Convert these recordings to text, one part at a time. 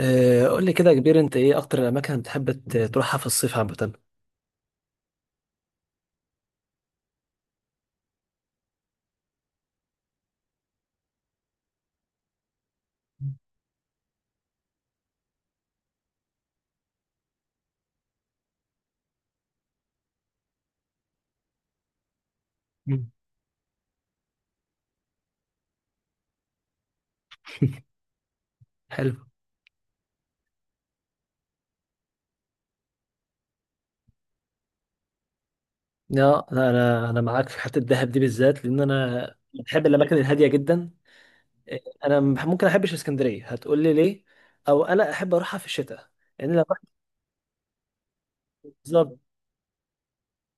قول لي كده يا كبير، انت ايه اكتر الاماكن بتحب تروحها في الصيف عامه؟ مم. حلو. لا، انا معاك في حته الدهب دي بالذات، لان انا بحب الاماكن الهاديه جدا. آه، انا ممكن احبش اسكندريه، هتقول لي ليه؟ او انا احب اروحها في الشتاء، لان لو رحت. بالظبط،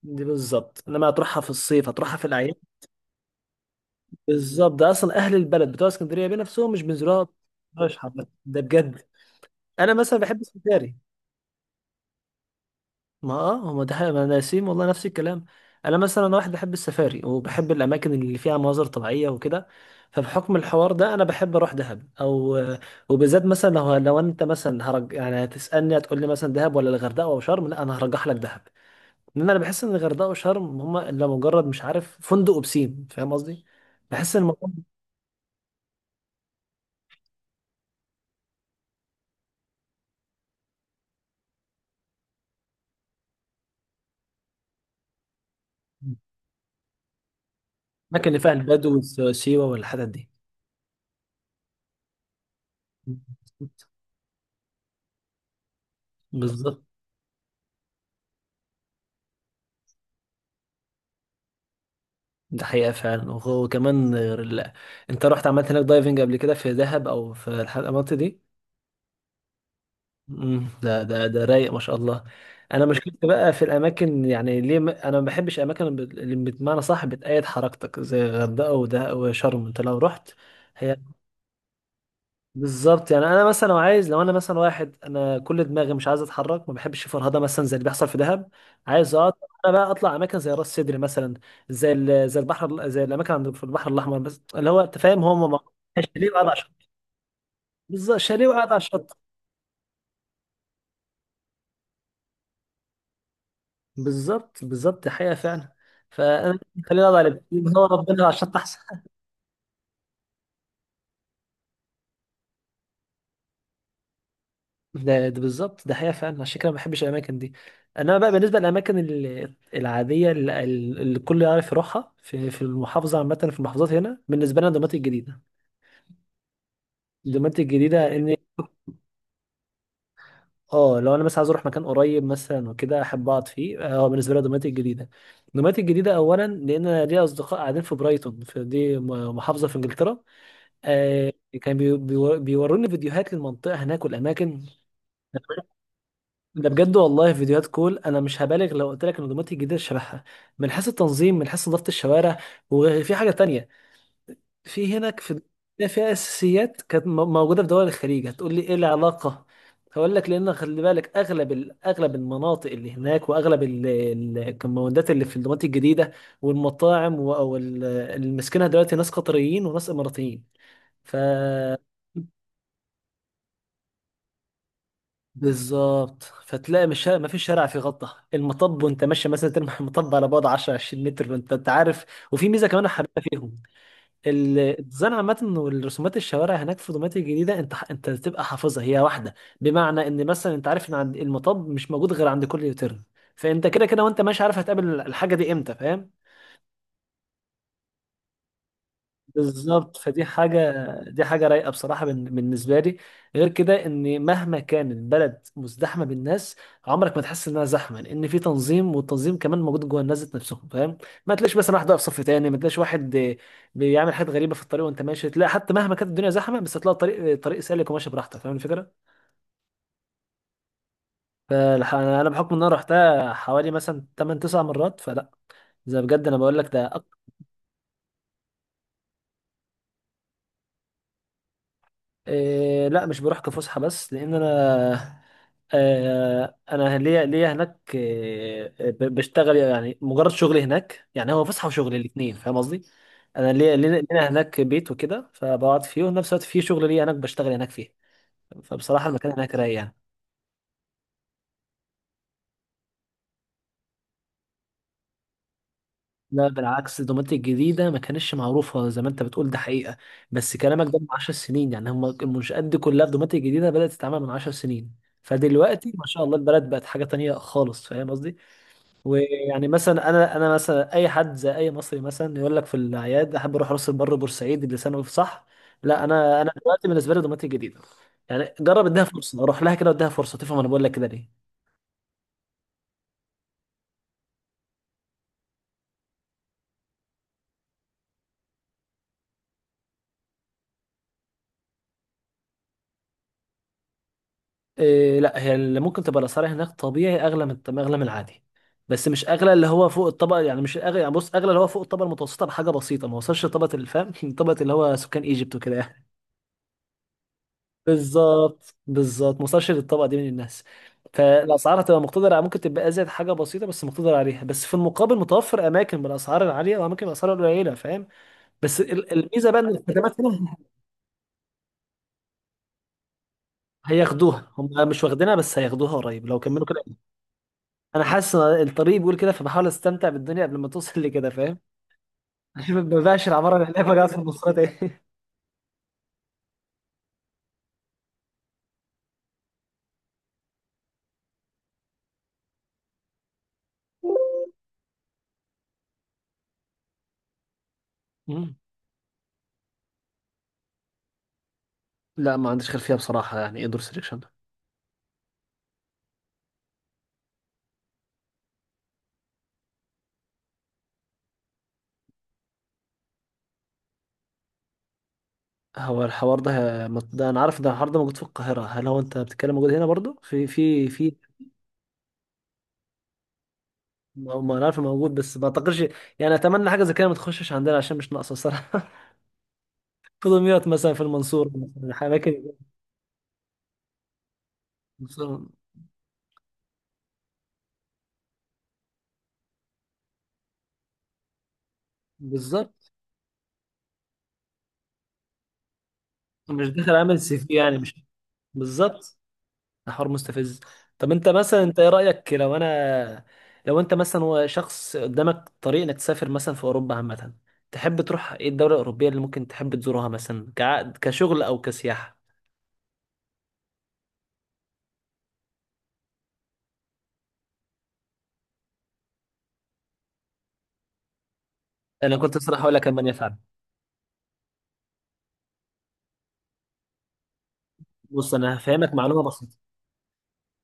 دي بالظبط، انما هتروحها في الصيف هتروحها في الاعياد. بالظبط، ده اصلا اهل البلد بتوع اسكندريه بنفسهم مش بينزلوها. مش حبة. ده بجد. انا مثلا بحب اسكندريه. ما اه، هو ده حقيقة، انا نسيم والله نفس الكلام. انا مثلا واحد بحب السفاري وبحب الاماكن اللي فيها مناظر طبيعيه وكده. فبحكم الحوار ده انا بحب اروح دهب، او وبالذات مثلا لو انت مثلا هرج، يعني هتسالني هتقول لي مثلا دهب ولا الغردقه او شرم، لا انا هرجح لك دهب. لان انا بحس ان الغردقه وشرم هما الا مجرد مش عارف فندق وبسين، فاهم قصدي؟ بحس ان الاماكن اللي فيها البدو والسيوه والحتت دي. بالظبط، ده حقيقة فعلا. وكمان غير انت رحت عملت هناك دايفنج قبل كده في دهب، او في المناطق دي؟ امم، ده رايق ما شاء الله. انا مشكلتي بقى في الاماكن، يعني ليه ما... انا ما بحبش الاماكن اللي اللي بمعنى صح بتأيد حركتك، زي الغردقة وده وشرم، انت لو رحت. هي بالظبط، يعني انا مثلا لو عايز، لو انا مثلا واحد انا كل دماغي مش عايز اتحرك، ما بحبش فرهده مثلا زي اللي بيحصل في دهب. عايز اقعد. انا بقى اطلع اماكن زي راس سدر مثلا، زي زي الاماكن عند في البحر الاحمر، بس اللي هو انت فاهم هم ما. شاليه وقاعد على الشط. بالظبط، شاليه وقاعد على الشط. بالظبط، دي حقيقه فعلا. فانا خليني اقعد على البسين، هو ربنا على الشط. ده, بالظبط، ده حقيقة فعلا، عشان كده ما بحبش الأماكن دي. أنا بقى بالنسبة للأماكن العادية اللي, الكل يعرف يروحها في المحافظة عامة، في المحافظات هنا بالنسبة لنا دوماتي الجديدة. دوماتي الجديدة إن. اه، لو أنا مثلا عايز أروح مكان قريب مثلا وكده أحب أقعد فيه، اه بالنسبة لي دوماتي الجديدة. دوماتي الجديدة أولا لأن أنا ليا أصدقاء قاعدين في برايتون، في دي محافظة في إنجلترا. آه، كان بيوروني فيديوهات للمنطقة هناك والأماكن. ده بجد والله، فيديوهات كول. انا مش هبالغ لو قلت لك النظامات الجديده شبهها، من حيث التنظيم من حيث نظافه الشوارع. وفي حاجه تانية، في هناك في فيها اساسيات كانت موجوده في دول الخليج، هتقول لي ايه العلاقه؟ هقول لك، لان خلي بالك اغلب اغلب المناطق اللي هناك، واغلب الكومباوندات اللي في الدمارات الجديده والمطاعم او اللي ماسكينها دلوقتي ناس قطريين وناس اماراتيين. ف بالظبط، فتلاقي مش ما فيش شارع فيه غطا المطب، وانت ماشي مثلا ترمي المطب على بعد 10 20 متر وانت انت عارف. وفي ميزه كمان حاببها فيهم، الديزاين عامه والرسومات الشوارع هناك في دوماتي الجديده، انت تبقى حافظها هي واحده. بمعنى ان مثلا انت عارف ان عند المطب مش موجود غير عند كل يوتيرن. فانت كده كده وانت ماشي عارف هتقابل الحاجه دي امتى، فاهم؟ بالظبط، فدي حاجة. دي حاجة رايقة بصراحة بالنسبة لي. غير كده، ان مهما كان البلد مزدحمة بالناس عمرك ما تحس انها زحمة، لان في تنظيم، والتنظيم كمان موجود جوه الناس ذات نفسهم، فاهم؟ ما تلاقيش مثلا واحد واقف صف تاني، ما تلاقيش واحد بيعمل حاجات غريبة في الطريق، وانت ماشي تلاقي حتى مهما كانت الدنيا زحمة بس هتلاقي الطريق طريق سالك، وماشي براحتك فاهم الفكرة. فانا بحكم ان انا رحتها حوالي مثلا 8 9 مرات فلا، زي بجد انا بقول لك ده. إيه، لا مش بروح كفسحة بس، لأن أنا آه، أنا ليا هناك إيه، بشتغل، يعني مجرد شغلي هناك يعني هو فسحة وشغل الاتنين، فاهم قصدي؟ أنا ليا لينا هناك بيت وكده فبقعد فيه، وفي نفس الوقت في شغل ليا هناك بشتغل هناك فيه. فبصراحة المكان هناك رايق يعني. لا بالعكس، دوماتيك الجديدة ما كانتش معروفة زي ما أنت بتقول، ده حقيقة، بس كلامك ده من 10 سنين يعني، هم المنشآت دي كلها في دوماتيك الجديدة بدأت تتعمل من 10 سنين. فدلوقتي ما شاء الله البلد بقت حاجة تانية خالص، فاهم قصدي؟ ويعني مثلا انا مثلا اي حد زي اي مصري مثلا يقول لك في الاعياد احب اروح راس البر بورسعيد اللي سنه، صح؟ لا، انا دلوقتي بالنسبه لي دمياط الجديده. يعني جرب اديها فرصه اروح لها كده واديها فرصه تفهم انا بقول لك كده ليه. إيه، لا هي اللي ممكن تبقى الاسعار هناك طبيعي اغلى، اغلى من العادي. بس مش اغلى اللي هو فوق الطبقه، يعني مش اغلى، يعني بص اغلى اللي هو فوق الطبقه المتوسطه بحاجه بسيطه، ما وصلش لطبقه الفهم طبقه اللي هو سكان ايجيبت وكده يعني. بالظبط، ما وصلش للطبقه دي من الناس. فالاسعار هتبقى مقتدره، ممكن تبقى ازيد حاجه بسيطه بس مقتدر عليها، بس في المقابل متوفر اماكن بالاسعار العاليه واماكن بالاسعار القليله، فاهم؟ بس الميزه بقى ان الخدمات هنا هياخدوها، هم مش واخدينها بس هياخدوها قريب لو كملوا كده. انا حاسس ان الطريق بيقول كده، فبحاول استمتع بالدنيا قبل ما توصل لكده فاهم. عشان ما بقاش العماره اللي هناك بقى في المواصلات ايه. مم. لا ما عنديش خلفيه بصراحه، يعني ايه دور سيلكشن؟ هو الحوار ده ده انا عارف، ده الحوار ده موجود في القاهرة، هل هو انت بتتكلم موجود هنا برضو في. ما انا عارف موجود، بس ما اعتقدش. يعني اتمنى حاجة زي كده ما تخشش عندنا، عشان مش ناقصة صراحة. في دمياط مثلا، في المنصورة مثلا اماكن. المنصورة. بالظبط، مش داخل عامل سي في يعني، مش بالظبط. ده حوار مستفز. طب انت مثلا، انت ايه رأيك لو انا، لو انت مثلا هو شخص قدامك طريق انك تسافر مثلا في اوروبا عامة، تحب تروح ايه الدولة الأوروبية اللي ممكن تحب تزورها مثلا كعقد كشغل او كسياحة؟ انا كنت صراحه هقول لك المانيا فعلا. بص انا هفهمك معلومه بسيطه.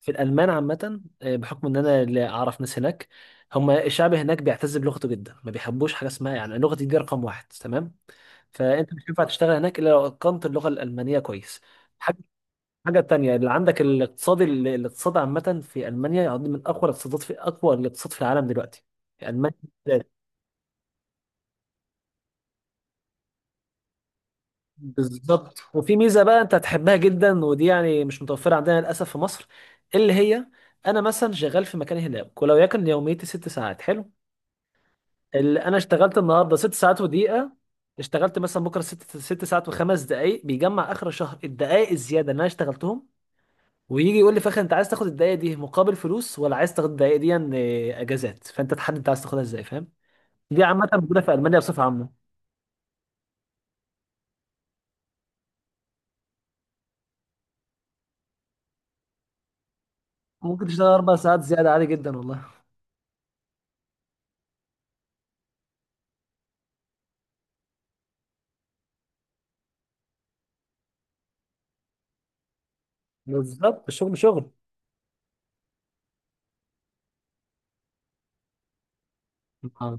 في الالمان عامه، بحكم ان انا اللي اعرف ناس هناك، هم الشعب هناك بيعتز بلغته جدا، ما بيحبوش حاجه اسمها يعني لغتي دي رقم واحد تمام. فانت مش هينفع تشتغل هناك الا لو اتقنت اللغه الالمانيه كويس. حاجه حاجه تانية اللي عندك الاقتصاد، الاقتصاد عامه في المانيا يعني من اقوى الاقتصادات، في اقوى الاقتصاد في العالم دلوقتي في المانيا. بالظبط، وفي ميزه بقى انت هتحبها جدا، ودي يعني مش متوفره عندنا للاسف في مصر، اللي هي انا مثلا شغال في مكان هناك ولو يكن يوميتي ست ساعات حلو، اللي انا اشتغلت النهارده ست ساعات ودقيقه، اشتغلت مثلا بكره ست ساعات وخمس دقائق، بيجمع اخر الشهر الدقائق الزياده اللي انا اشتغلتهم، ويجي يقول لي في الاخر انت عايز تاخد الدقائق دي مقابل فلوس، ولا عايز تاخد الدقائق دي اجازات، فانت تحدد انت عايز تاخدها ازاي، فاهم؟ دي عامه موجوده في المانيا بصفه عامه. ممكن تشتغل اربع ساعات زياده عادي جدا والله. بالظبط، الشغل شغل. اه،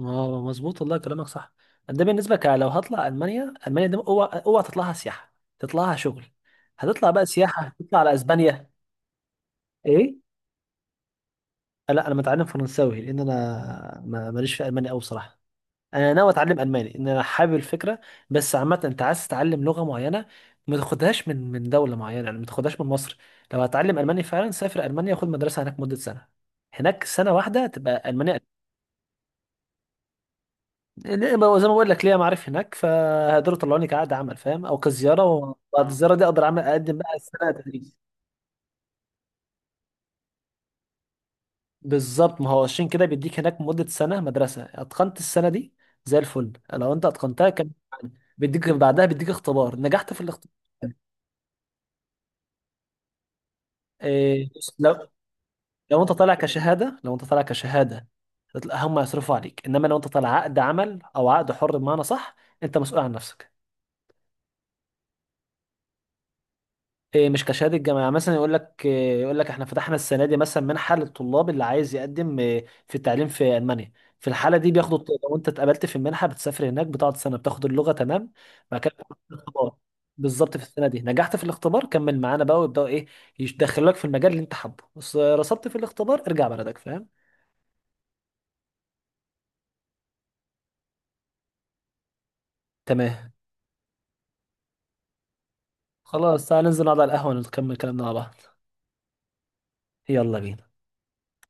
مظبوط والله كلامك صح. ده بالنسبه لو هطلع المانيا، المانيا دي اوعى تطلعها سياحه، تطلعها شغل. هتطلع بقى سياحه تطلع على اسبانيا. ايه؟ لا انا متعلم فرنساوي لان انا ماليش في المانيا قوي بصراحه. انا ناوي اتعلم الماني ان انا حابب الفكره. بس عامه انت عايز تتعلم لغه معينه، ما تاخدهاش من دوله معينه، يعني ما تاخدهاش من مصر. لو هتعلم الماني فعلا سافر المانيا، خد مدرسه هناك مده سنه، هناك سنه واحده تبقى المانيا. ما هو زي ما بقول لك ليا معارف هناك، فهيقدروا يطلعوني كعقد عمل فاهم، او كزياره، وبعد اه الزياره دي اقدر اعمل اقدم بقى السنه تدريب. بالظبط، ما هو عشان كده بيديك هناك مده سنه مدرسه، اتقنت السنه دي زي الفل، لو انت اتقنتها كان بيديك بعدها بيديك اختبار، نجحت في الاختبار. إيه، لو انت طالع كشهاده، لو انت طالع كشهاده هم يصرفوا عليك، انما لو انت طالع عقد عمل او عقد حر بمعنى صح انت مسؤول عن نفسك. إيه، مش كشهاده جامعه، مثلا يقول لك إيه، يقول لك احنا فتحنا السنه دي مثلا منحه للطلاب اللي عايز يقدم في التعليم في المانيا. في الحاله دي بياخدوا لو انت اتقبلت في المنحه بتسافر هناك، بتقعد سنه بتاخد اللغه تمام. بعد كده بتاخد الاختبار. بالظبط، في السنه دي نجحت في الاختبار كمل معانا بقى ويبداوا ايه، يدخلوك في المجال اللي انت حابه، بس رسبت في الاختبار ارجع بلدك، فاهم؟ تمام. خلاص تعالى ننزل نقعد على القهوه نكمل كلامنا مع بعض. يلا بينا.